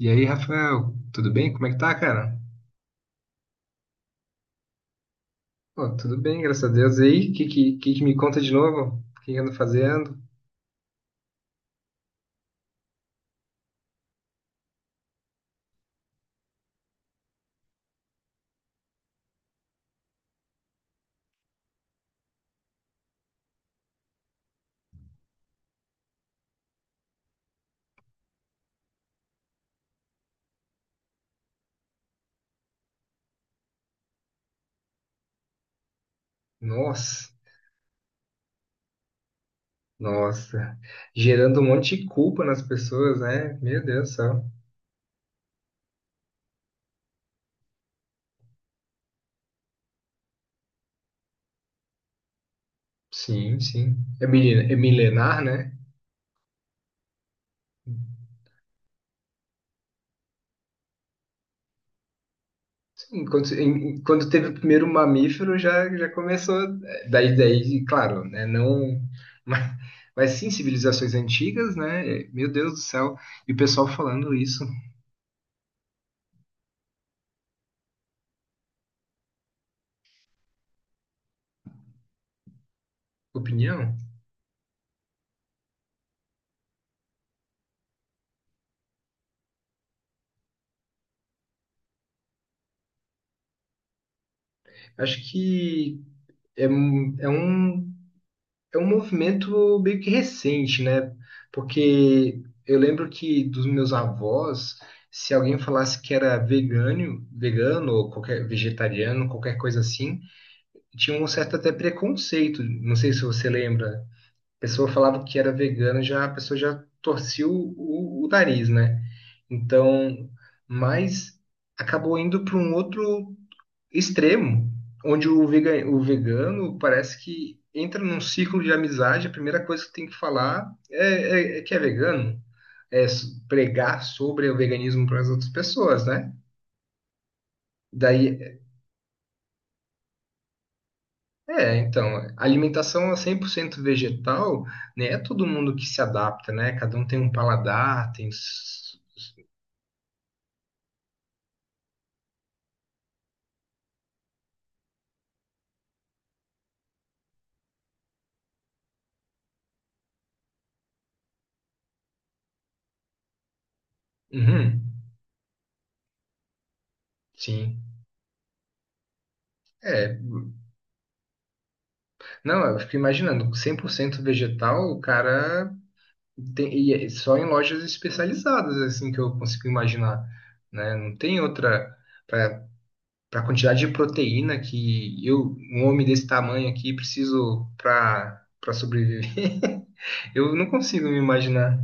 E aí, Rafael, tudo bem? Como é que tá, cara? Pô, tudo bem, graças a Deus. E aí, o que que me conta de novo? O que que ando fazendo? Nossa, nossa. Gerando um monte de culpa nas pessoas, né? Meu Deus do céu. Sim, sim. É milenar, né? Sim, quando teve o primeiro mamífero, já começou. Daí, claro, né? Não. Mas, mas sim, civilizações antigas, né? Meu Deus do céu. E o pessoal falando isso. Opinião? Acho que é um é um movimento meio que recente, né? Porque eu lembro que dos meus avós, se alguém falasse que era vegano, vegano ou qualquer vegetariano, qualquer coisa assim, tinha um certo até preconceito. Não sei se você lembra. A pessoa falava que era vegano, já a pessoa já torcia o nariz, né? Então, mas acabou indo para um outro extremo, onde o vegano parece que entra num ciclo de amizade, a primeira coisa que tem que falar é que é vegano, é pregar sobre o veganismo para as outras pessoas, né? Daí, então, a alimentação 100% vegetal, né? É todo mundo que se adapta, né? Cada um tem um paladar, tem. Uhum, sim. É, não, eu fico imaginando, 100% vegetal, o cara E é só em lojas especializadas, assim, que eu consigo imaginar, né? Não tem outra. Para a quantidade de proteína que eu, um homem desse tamanho aqui, preciso para sobreviver. Eu não consigo me imaginar.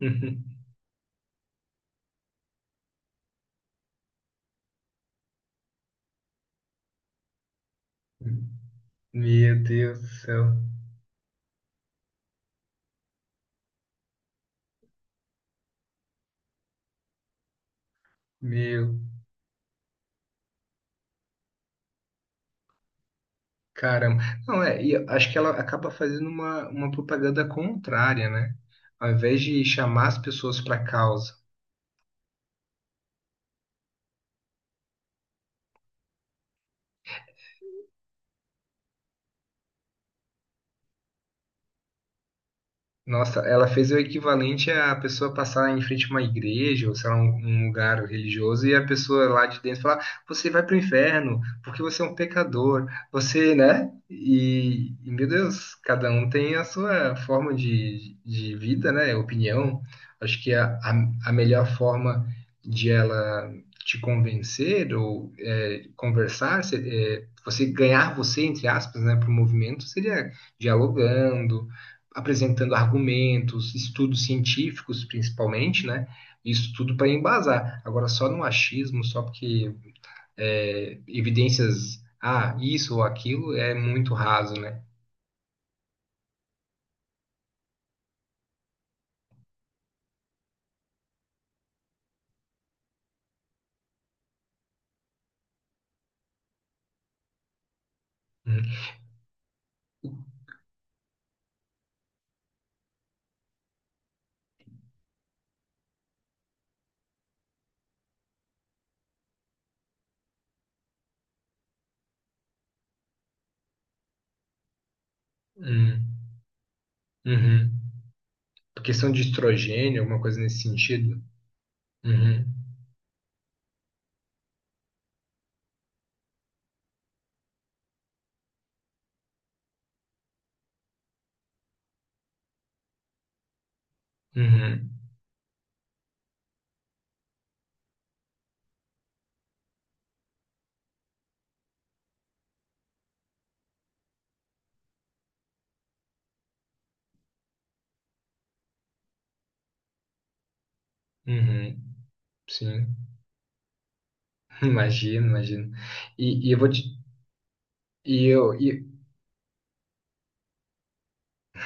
Meu Deus do céu. Meu, caramba. Não, é, e eu acho que ela acaba fazendo uma propaganda contrária, né? Ao invés de chamar as pessoas para causa, nossa, ela fez o equivalente a pessoa passar em frente a uma igreja, ou sei lá, um lugar religioso, e a pessoa lá de dentro falar: você vai para o inferno, porque você é um pecador, você, né? E meu Deus, cada um tem a sua forma de vida, né? Opinião. Acho que a melhor forma de ela te convencer conversar, você ganhar você, entre aspas, né, para o movimento, seria dialogando, apresentando argumentos, estudos científicos principalmente, né? Isso tudo para embasar. Agora, só no achismo, só porque evidências, ah, isso ou aquilo, é muito raso, né? Hum, hum, uhum. Questão de estrogênio, alguma coisa nesse sentido? Uhum, uhum, uhum. Sim, imagino, imagino. E eu vou te. E eu, e-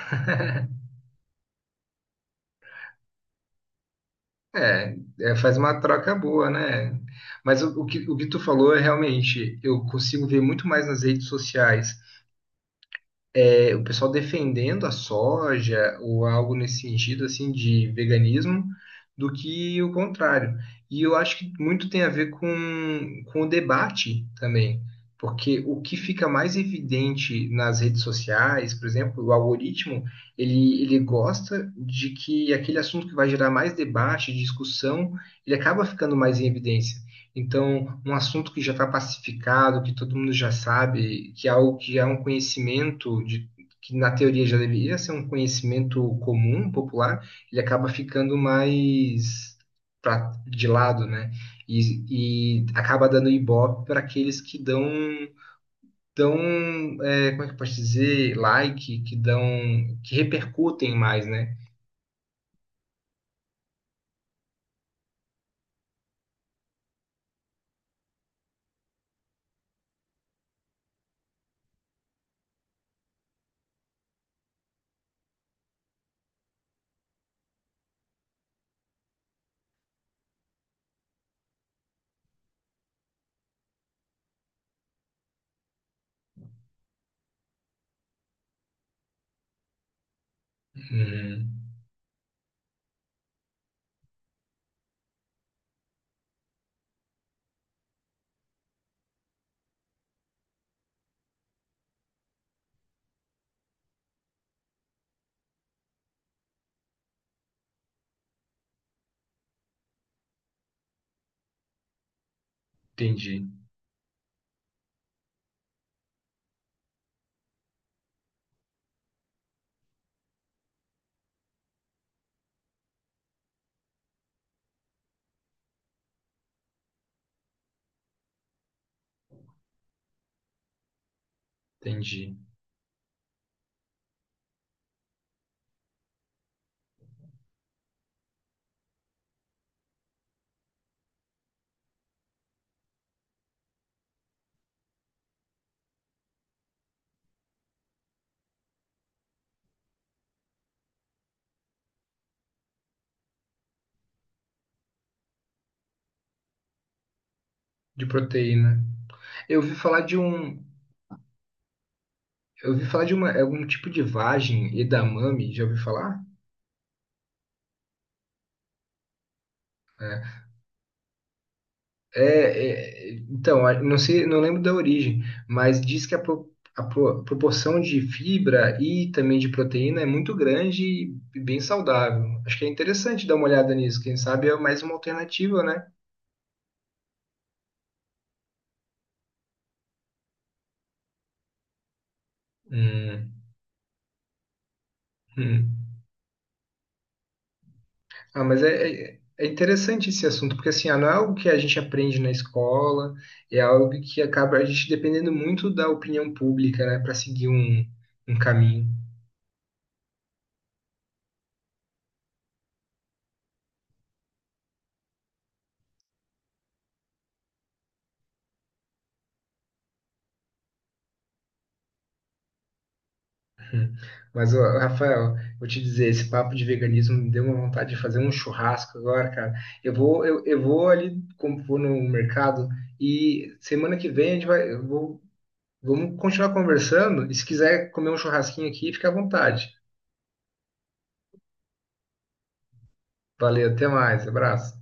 É, é, faz uma troca boa, né? Mas o que tu falou é realmente, eu consigo ver muito mais nas redes sociais, o pessoal defendendo a soja ou algo nesse sentido assim de veganismo do que o contrário. E eu acho que muito tem a ver com o debate também, porque o que fica mais evidente nas redes sociais, por exemplo, o algoritmo, ele gosta de que aquele assunto que vai gerar mais debate, discussão, ele acaba ficando mais em evidência. Então, um assunto que já está pacificado, que todo mundo já sabe, que é algo que é um conhecimento de, que na teoria já deveria ser um conhecimento comum, popular, ele acaba ficando mais pra, de lado, né? E acaba dando ibope para aqueles que dão como é que eu posso dizer, like, que dão, que repercutem mais, né? Uhum. Entendi, entendi. De proteína. Eu ouvi falar de um, Eu ouvi falar de uma, algum tipo de vagem, edamame, já ouviu falar? É, então, não sei, não lembro da origem, mas diz que a proporção de fibra e também de proteína é muito grande e bem saudável. Acho que é interessante dar uma olhada nisso. Quem sabe é mais uma alternativa, né? Hum, hum. Ah, mas é interessante esse assunto, porque assim, ah, não é algo que a gente aprende na escola, é algo que acaba a gente dependendo muito da opinião pública, né, para seguir um caminho. Hum. Mas, ó, Rafael, vou te dizer, esse papo de veganismo me deu uma vontade de fazer um churrasco agora, cara. Eu vou ali, como vou no mercado, e semana que vem a gente vai, eu vou, vamos continuar conversando, e se quiser comer um churrasquinho aqui, fica à vontade. Valeu, até mais, abraço.